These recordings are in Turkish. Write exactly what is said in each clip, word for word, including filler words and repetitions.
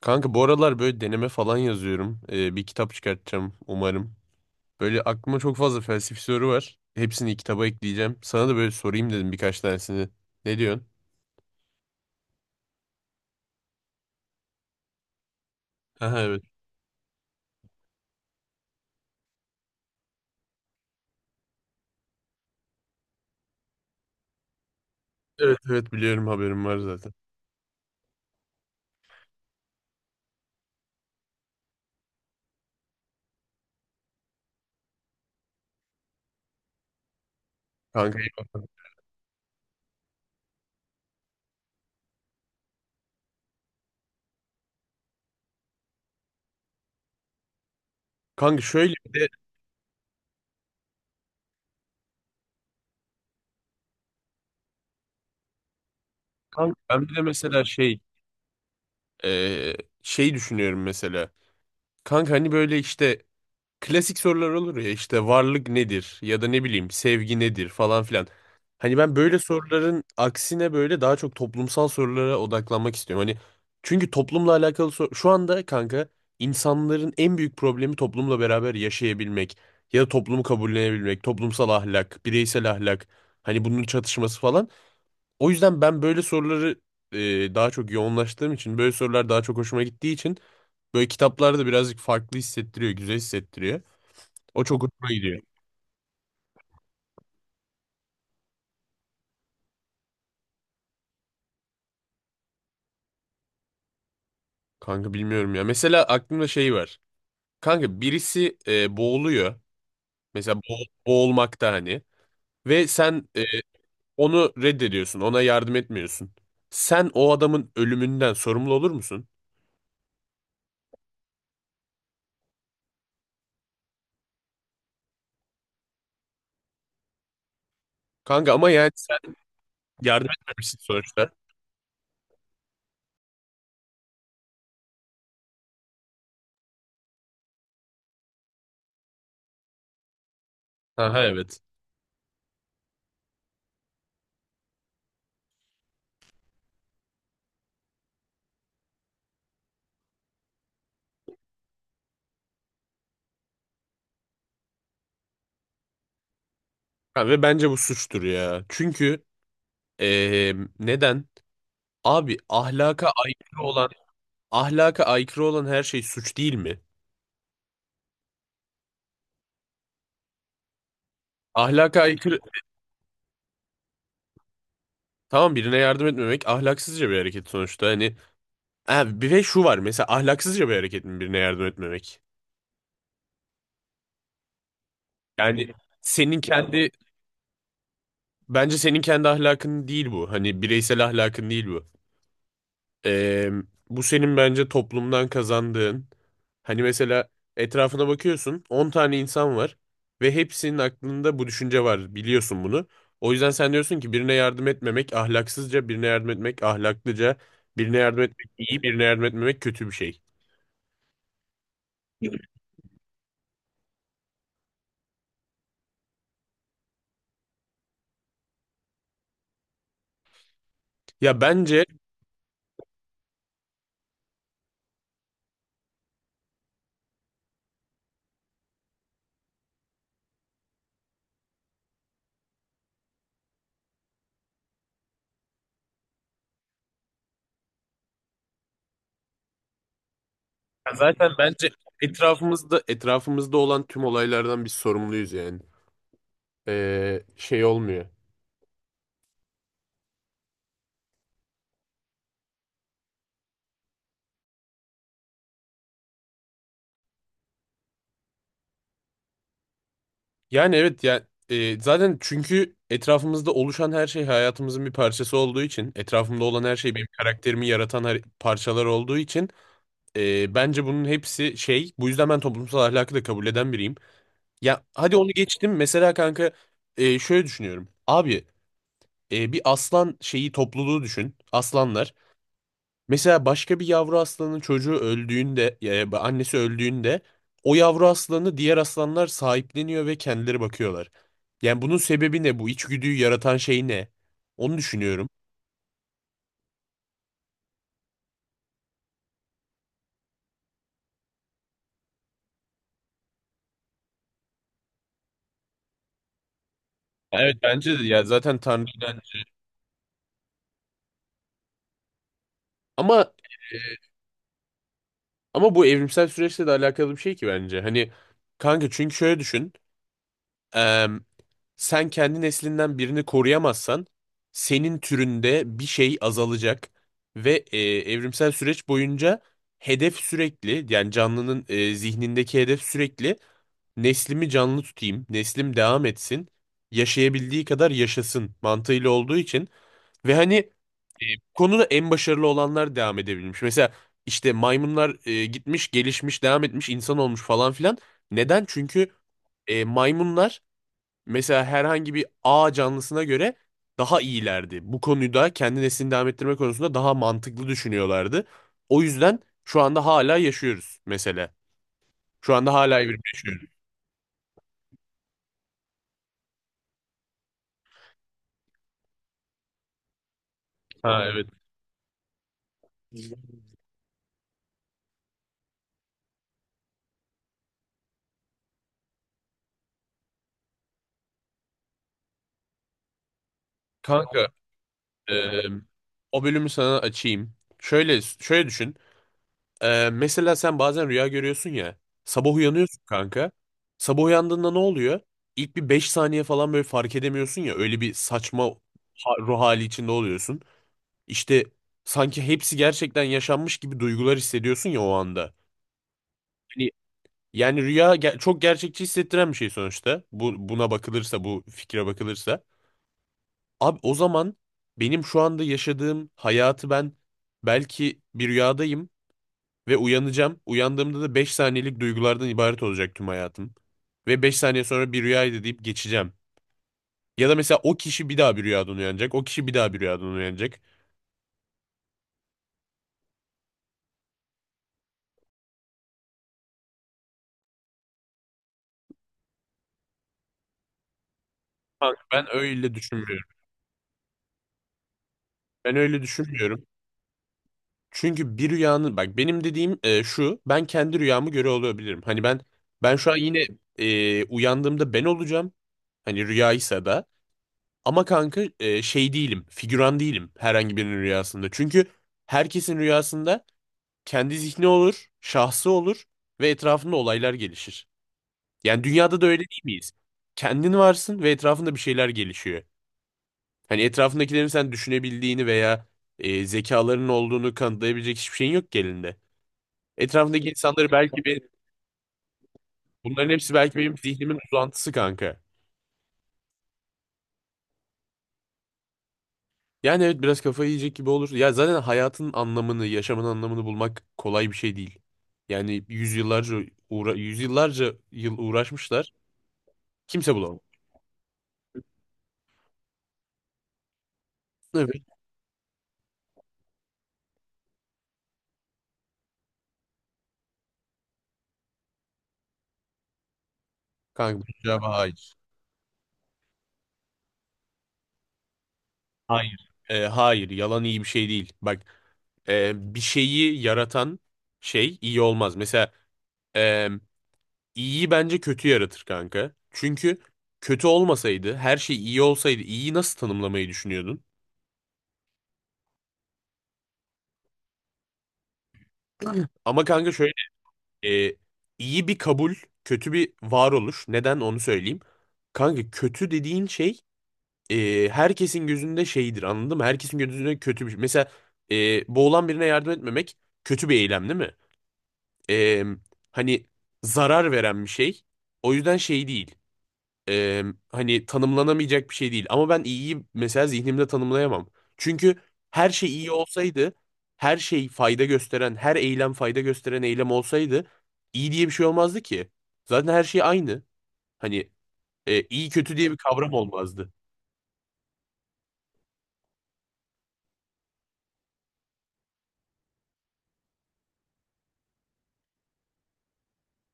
Kanka bu aralar böyle deneme falan yazıyorum. Ee, bir kitap çıkartacağım umarım. Böyle aklıma çok fazla felsefi soru var. Hepsini kitaba ekleyeceğim. Sana da böyle sorayım dedim birkaç tanesini. Ne diyorsun? Aha, evet. Evet, evet, biliyorum, haberim var zaten. Kanka iyi bakalım. Kanka şöyle bir de kanka ben bir de mesela şey e, şey düşünüyorum mesela. Kanka hani böyle işte klasik sorular olur ya, işte varlık nedir ya da ne bileyim sevgi nedir falan filan. Hani ben böyle soruların aksine böyle daha çok toplumsal sorulara odaklanmak istiyorum. Hani çünkü toplumla alakalı sor- şu anda kanka insanların en büyük problemi toplumla beraber yaşayabilmek ya da toplumu kabullenebilmek, toplumsal ahlak, bireysel ahlak, hani bunun çatışması falan. O yüzden ben böyle soruları e, daha çok yoğunlaştığım için, böyle sorular daha çok hoşuma gittiği için böyle kitaplarda birazcık farklı hissettiriyor, güzel hissettiriyor. O çok hoşuma gidiyor. Kanka bilmiyorum ya. Mesela aklımda şey var. Kanka birisi e, boğuluyor. Mesela bo- boğulmakta hani. Ve sen e, onu reddediyorsun. Ona yardım etmiyorsun. Sen o adamın ölümünden sorumlu olur musun? Kanka ama yani sen yardım etmemişsin sonuçta. Aha, evet. Ha, ve bence bu suçtur ya. Çünkü e, neden? Abi ahlaka aykırı olan ahlaka aykırı olan her şey suç değil mi? Ahlaka aykırı Tamam, birine yardım etmemek ahlaksızca bir hareket sonuçta. Hani, ha, bir ve şu var mesela, ahlaksızca bir hareket mi birine yardım etmemek? Yani senin kendi bence senin kendi ahlakın değil bu. Hani bireysel ahlakın değil bu. Ee, bu senin bence toplumdan kazandığın. Hani mesela etrafına bakıyorsun, on tane insan var ve hepsinin aklında bu düşünce var, biliyorsun bunu. O yüzden sen diyorsun ki birine yardım etmemek ahlaksızca, birine yardım etmek ahlaklıca, birine yardım etmek iyi, birine yardım etmemek kötü bir şey. Ya bence ya zaten bence etrafımızda etrafımızda olan tüm olaylardan biz sorumluyuz yani. Ee, şey olmuyor. Yani evet ya, e, zaten çünkü etrafımızda oluşan her şey hayatımızın bir parçası olduğu için, etrafımda olan her şey benim karakterimi yaratan her- parçalar olduğu için e, bence bunun hepsi şey, bu yüzden ben toplumsal ahlakı da kabul eden biriyim. Ya hadi onu geçtim mesela kanka, e, şöyle düşünüyorum. Abi, e, bir aslan şeyi topluluğu düşün. Aslanlar. Mesela başka bir yavru aslanın çocuğu öldüğünde, e, annesi öldüğünde o yavru aslanı diğer aslanlar sahipleniyor ve kendileri bakıyorlar. Yani bunun sebebi ne? Bu içgüdüyü yaratan şey ne? Onu düşünüyorum. Evet bence de, ya zaten Tanrı'dan. Ama ama bu evrimsel süreçle de alakalı bir şey ki bence. Hani kanka, çünkü şöyle düşün. Eee, sen kendi neslinden birini koruyamazsan senin türünde bir şey azalacak ve eee, evrimsel süreç boyunca hedef sürekli, yani canlının eee, zihnindeki hedef sürekli neslimi canlı tutayım, neslim devam etsin, yaşayabildiği kadar yaşasın mantığıyla olduğu için ve hani e, bu konuda en başarılı olanlar devam edebilmiş. Mesela işte maymunlar e, gitmiş, gelişmiş, devam etmiş, insan olmuş falan filan. Neden? Çünkü e, maymunlar mesela herhangi bir A canlısına göre daha iyilerdi. Bu konuda kendi neslini devam ettirme konusunda daha mantıklı düşünüyorlardı. O yüzden şu anda hala yaşıyoruz mesela. Şu anda hala birlikte yaşıyoruz. Ha, evet. Kanka, eee, o bölümü sana açayım. Şöyle şöyle düşün. Eee, mesela sen bazen rüya görüyorsun ya. Sabah uyanıyorsun kanka. Sabah uyandığında ne oluyor? İlk bir beş saniye falan böyle fark edemiyorsun ya. Öyle bir saçma ha- ruh hali içinde oluyorsun. İşte sanki hepsi gerçekten yaşanmış gibi duygular hissediyorsun ya o anda. Hani yani rüya ge- çok gerçekçi hissettiren bir şey sonuçta. Bu buna bakılırsa, bu fikre bakılırsa. Abi o zaman benim şu anda yaşadığım hayatı ben belki bir rüyadayım ve uyanacağım. Uyandığımda da beş saniyelik duygulardan ibaret olacak tüm hayatım. Ve beş saniye sonra bir rüyaydı deyip geçeceğim. Ya da mesela o kişi bir daha bir rüyadan uyanacak. O kişi bir daha bir rüyadan uyanacak. Kanka, ben öyle düşünmüyorum. Ben öyle düşünmüyorum. Çünkü bir rüyanın, bak, benim dediğim e, şu, ben kendi rüyamı göre olabilirim. Hani ben ben şu an yine e, uyandığımda ben olacağım. Hani rüyaysa da, ama kanka, e, şey değilim, figüran değilim herhangi birinin rüyasında. Çünkü herkesin rüyasında kendi zihni olur, şahsı olur ve etrafında olaylar gelişir. Yani dünyada da öyle değil miyiz? Kendin varsın ve etrafında bir şeyler gelişiyor. Hani etrafındakilerin sen düşünebildiğini veya e, zekalarının olduğunu kanıtlayabilecek hiçbir şeyin yok ki elinde. Etrafındaki insanları belki bir bunların hepsi belki benim zihnimin uzantısı kanka. Yani evet, biraz kafayı yiyecek gibi olur. Ya zaten hayatın anlamını, yaşamın anlamını bulmak kolay bir şey değil. Yani yüzyıllarca uğra yüzyıllarca yıl uğraşmışlar. Kimse bulamadı. Evet kanka. E, hayır yalan iyi bir şey değil. Bak, e, bir şeyi yaratan şey iyi olmaz. Mesela e, iyiyi bence kötü yaratır kanka. Çünkü kötü olmasaydı, her şey iyi olsaydı, iyiyi nasıl tanımlamayı düşünüyordun? Ama kanka şöyle, e, iyi bir kabul, kötü bir varoluş. Neden onu söyleyeyim: kanka, kötü dediğin şey e, herkesin gözünde şeydir, anladın mı? Herkesin gözünde kötü bir şey. Mesela e, boğulan birine yardım etmemek kötü bir eylem değil mi? E, hani zarar veren bir şey. O yüzden şey değil, e, hani tanımlanamayacak bir şey değil. Ama ben iyiyi mesela zihnimde tanımlayamam. Çünkü her şey iyi olsaydı, her şey fayda gösteren, her eylem fayda gösteren eylem olsaydı iyi diye bir şey olmazdı ki. Zaten her şey aynı. Hani e, iyi kötü diye bir kavram olmazdı.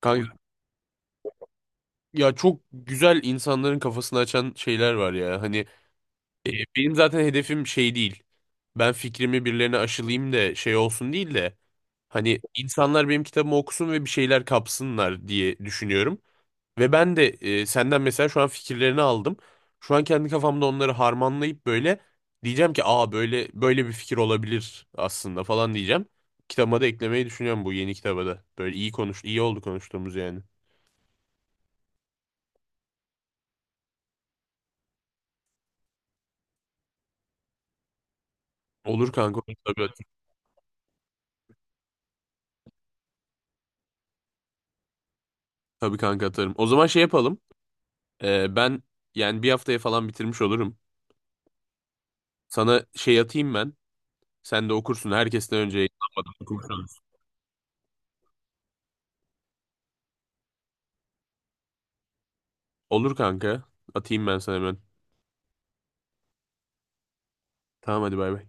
Kanka, ya çok güzel insanların kafasını açan şeyler var ya. Hani E, Benim zaten hedefim şey değil. Ben fikrimi birilerine aşılayayım da şey olsun değil de hani insanlar benim kitabımı okusun ve bir şeyler kapsınlar diye düşünüyorum. Ve ben de e, senden mesela şu an fikirlerini aldım. Şu an kendi kafamda onları harmanlayıp böyle diyeceğim ki aa böyle böyle bir fikir olabilir aslında falan diyeceğim. Kitabıma da eklemeyi düşünüyorum, bu yeni kitaba da. Böyle iyi konuş, iyi oldu konuştuğumuz yani. Olur kanka, olur. Tabii, tabii, kanka, atarım. O zaman şey yapalım. E, ben yani bir haftaya falan bitirmiş olurum. Sana şey atayım ben. Sen de okursun. Herkesten önce, yayınlanmadan okursun. Olur kanka. Atayım ben sana hemen. Tamam, hadi, bay bay.